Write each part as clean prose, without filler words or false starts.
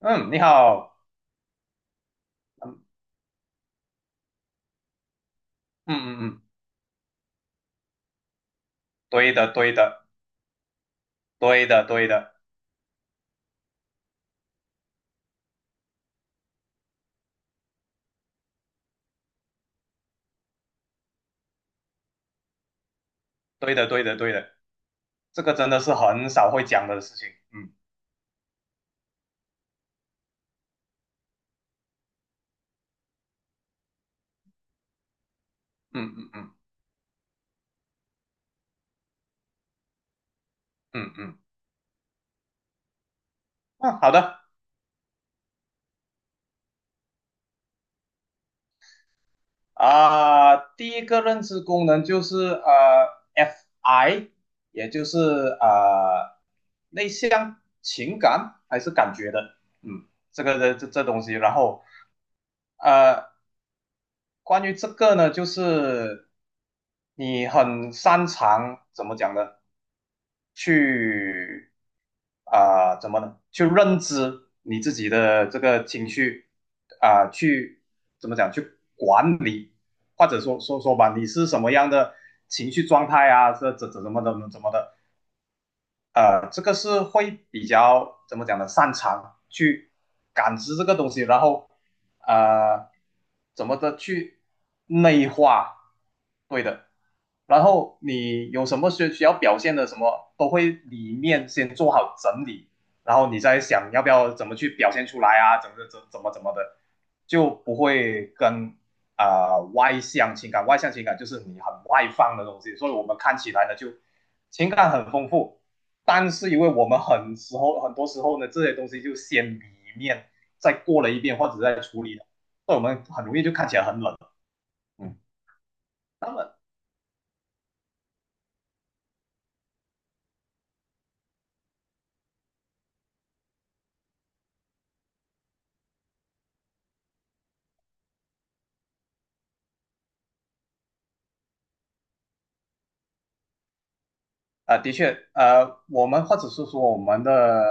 嗯，你好。嗯嗯嗯嗯，对的对的对的对的对的对的对的，这个真的是很少会讲的事情。嗯嗯嗯嗯嗯嗯，嗯，好的啊，第一个认知功能就是FI，也就是内向、情感还是感觉的，嗯，这个这东西，然后呃，关于这个呢，就是你很擅长怎么讲呢？去怎么呢？去认知你自己的这个情绪，去怎么讲？去管理，或者说吧，你是什么样的情绪状态啊？这怎么的？这个是会比较怎么讲呢？擅长去感知这个东西，然后呃，怎么的去内化，对的。然后你有什么需要表现的什么，都会里面先做好整理，然后你再想要不要怎么去表现出来啊，怎么的，就不会跟外向情感。外向情感就是你很外放的东西，所以我们看起来呢就情感很丰富，但是因为我们很多时候呢，这些东西就先里面再过了一遍，或者再出，所以我们很容易就看起来很冷。嗯，那么的确，我们或者是说我们的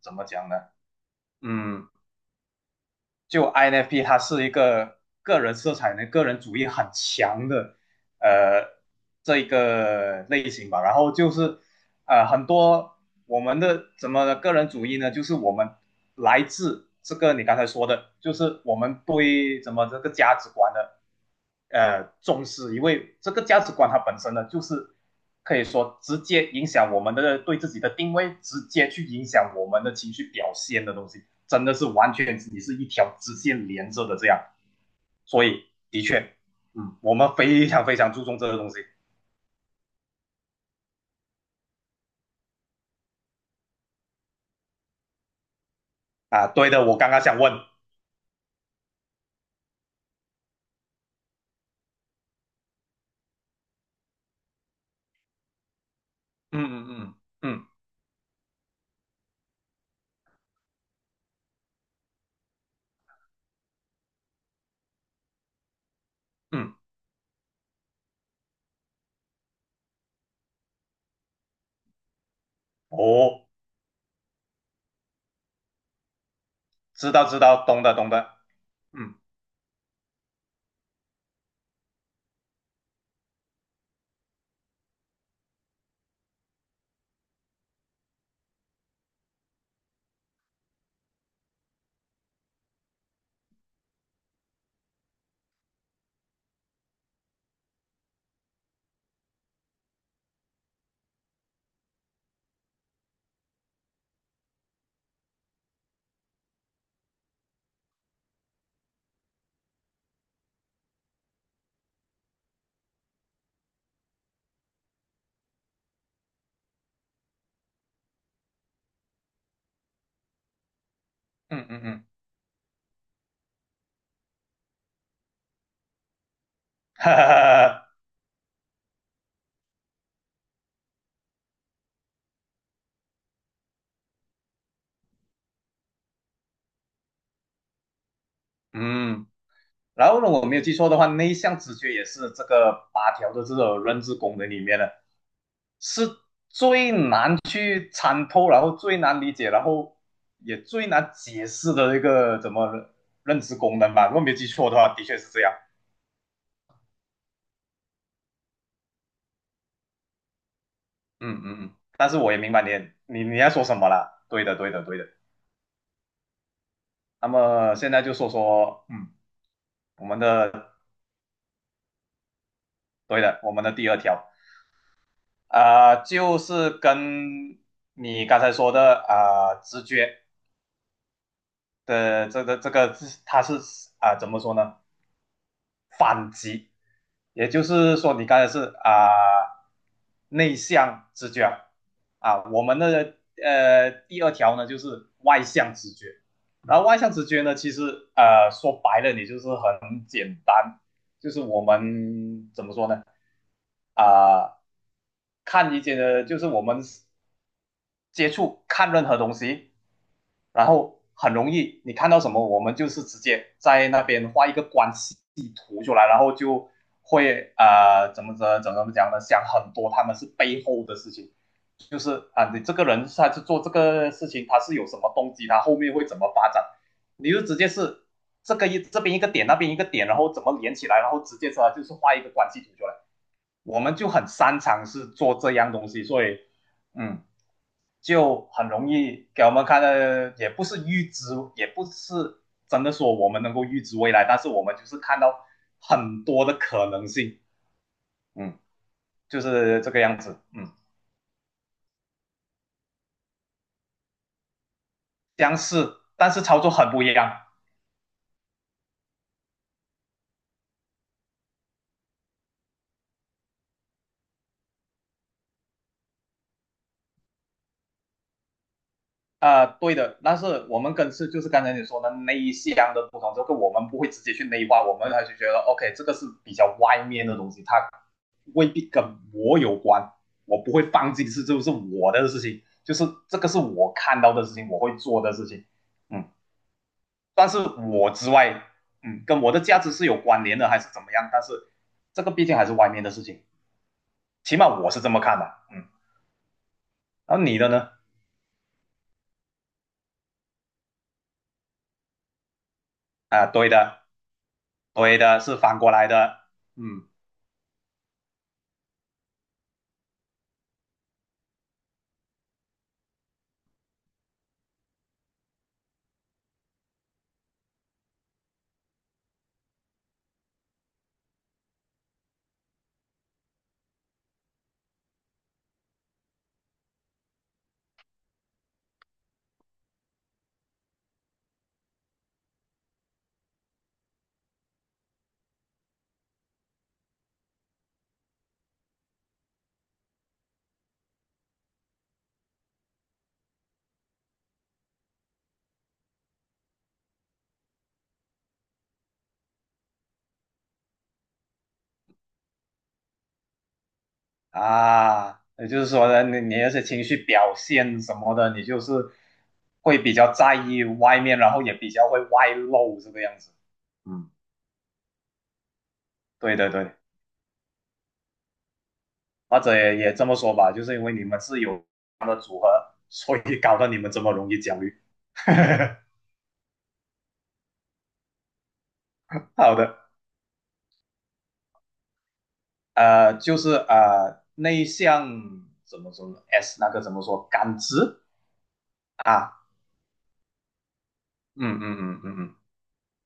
怎么讲呢？嗯，就 INFP 它是一个个人色彩呢、个人主义很强的呃这一个类型吧。然后就是很多我们的怎么的个人主义呢，就是我们来自这个你刚才说的，就是我们对怎么这个价值观的重视，因为这个价值观它本身呢，就是可以说直接影响我们的对自己的定位，直接去影响我们的情绪表现的东西。真的是完全你是一条直线连着的这样，所以的确，嗯，我们非常非常注重这个东西啊。对的，我刚刚想问。嗯嗯嗯嗯嗯，哦，知道知道，懂的懂的，嗯嗯嗯嗯，哈哈哈哈，嗯。然后呢，我没有记错的话，内向直觉也是这个八条的这个认知功能里面的，是最难去参透，然后最难理解，然后也最难解释的一个怎么认知功能吧。如果没有记错的话，的确是这样。嗯嗯嗯，嗯但是我也明白你要说什么了。对的，对的，对的。那么现在就说说。嗯，我们的对的，我们的第二条就是跟你刚才说的直觉的这个是它是怎么说呢？反击，也就是说你刚才是呃内向直觉啊，我们的第二条呢就是外向直觉，然后外向直觉呢其实说白了你就是很简单，就是我们怎么说呢？啊、看一些的，就是我们接触看任何东西，然后很容易，你看到什么，我们就是直接在那边画一个关系图出来，然后就会怎么讲呢？想很多他们是背后的事情，就是啊，你这个人他是做这个事情，他是有什么动机，他后面会怎么发展，你就直接是这个一，这边一个点，那边一个点，然后怎么连起来，然后直接出来就是画一个关系图出来。我们就很擅长是做这样东西，所以嗯，就很容易给我们看的，也不是预知，也不是真的说我们能够预知未来，但是我们就是看到很多的可能性，嗯，就是这个样子。嗯，相似，但是操作很不一样。对的，但是我们跟是就是刚才你说的那一项的不同，这个我们不会直接去内化，我们还是觉得 OK,这个是比较外面的东西，它未必跟我有关，我不会放弃，是就是我的事情，就是这个是我看到的事情，我会做的事情，嗯，但是我之外，嗯，跟我的价值是有关联的，还是怎么样？但是这个毕竟还是外面的事情，起码我是这么看的。嗯，然后你的呢？啊，对的，对的，是反过来的，嗯。啊，也就是说呢，你那些情绪表现什么的，你就是会比较在意外面，然后也比较会外露这个样子。嗯，对对对，或者也这么说吧，就是因为你们是有这样的组合，所以搞得你们这么容易焦虑。好的。就是内向怎么说呢？S 那个怎么说？感知啊。嗯嗯嗯嗯嗯，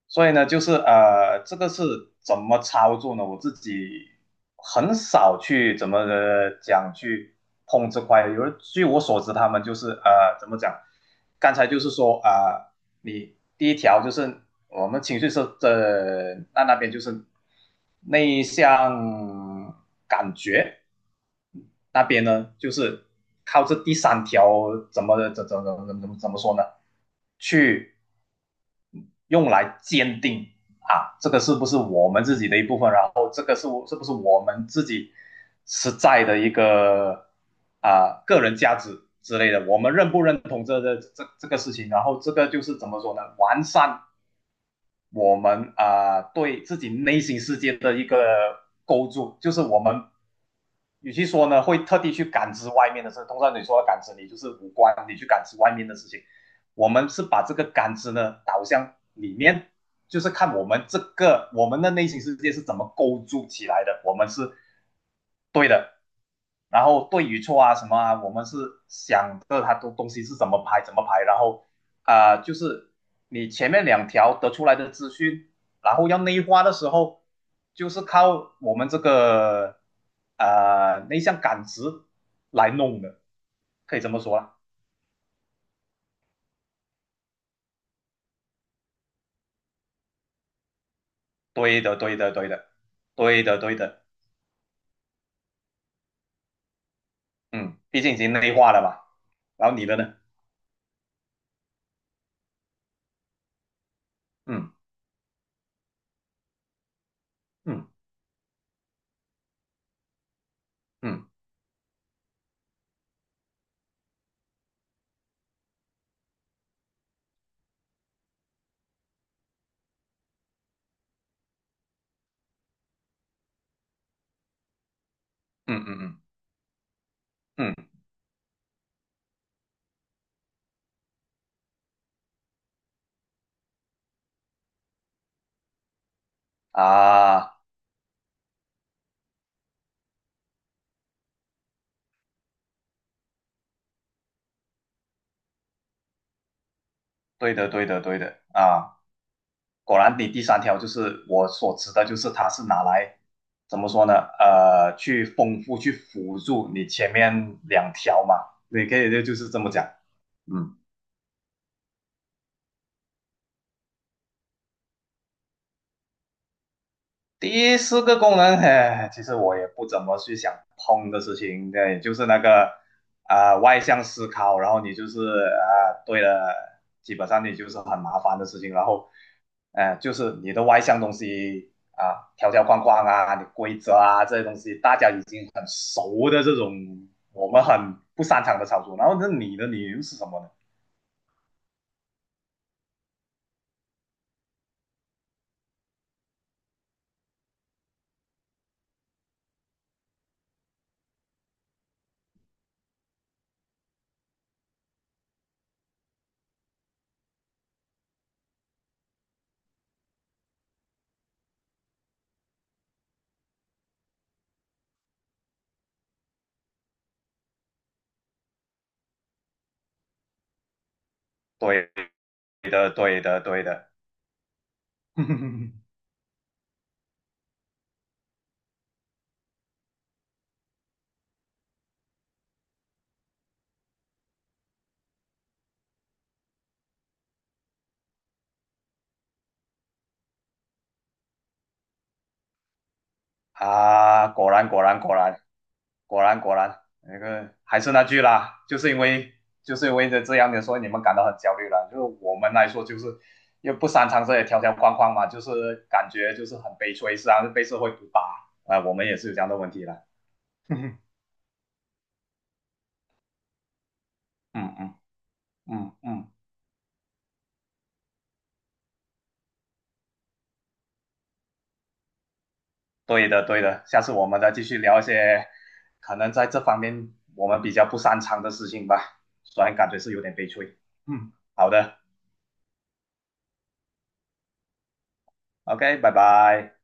所以呢，就是这个是怎么操作呢？我自己很少去怎么讲去碰这块。有人据我所知，他们就是怎么讲？刚才就是说你第一条就是我们情绪是的，那边就是内向感觉那边呢，就是靠这第三条怎么怎怎怎怎怎么怎么说呢？去用来鉴定啊，这个是不是我们自己的一部分？然后这个是不是我们自己实在的一个啊个人价值之类的？我们认不认同这个事情？然后这个就是怎么说呢？完善我们啊对自己内心世界的一个构筑，就是我们与其说呢会特地去感知外面的事，通常你说的感知你就是五官，你去感知外面的事情。我们是把这个感知呢导向里面，就是看我们这个我们的内心世界是怎么构筑起来的，我们是对的。然后对与错啊什么啊，我们是想着它的东西是怎么排怎么排，然后就是你前面两条得出来的资讯，然后要内化的时候，就是靠我们这个内向感知来弄的，可以这么说啊。对的，对的，对的，对的，对的，嗯，毕竟已经内化了嘛。然后你的呢？嗯嗯嗯嗯嗯嗯嗯嗯嗯嗯嗯嗯啊。对的，对的，对的啊！果然，你第三条就是我所指的，就是它是拿来怎么说呢？呃，去丰富、去辅助你前面两条嘛，你可以就是这么讲。嗯。第四个功能，哎，其实我也不怎么去想碰的事情，对，就是那个外向思考，然后你就是对了，基本上你就是很麻烦的事情，然后就是你的外向东西啊、条条框框啊、你规则啊这些东西，大家已经很熟的这种，我们很不擅长的操作，然后那你的你又是什么呢？对的，对的，对的。啊，果然果然果然果然果然，那个还是那句啦，就是因为这样的，所以你们感到很焦虑了。就是我们来说，就是又不擅长这些条条框框嘛，就是感觉就是很悲催，实际上是啊，被社会毒打啊、我们也是有这样的问题了。嗯嗯嗯嗯，对的对的，下次我们再继续聊一些可能在这方面我们比较不擅长的事情吧，虽然感觉是有点悲催。嗯，好的，OK,拜拜。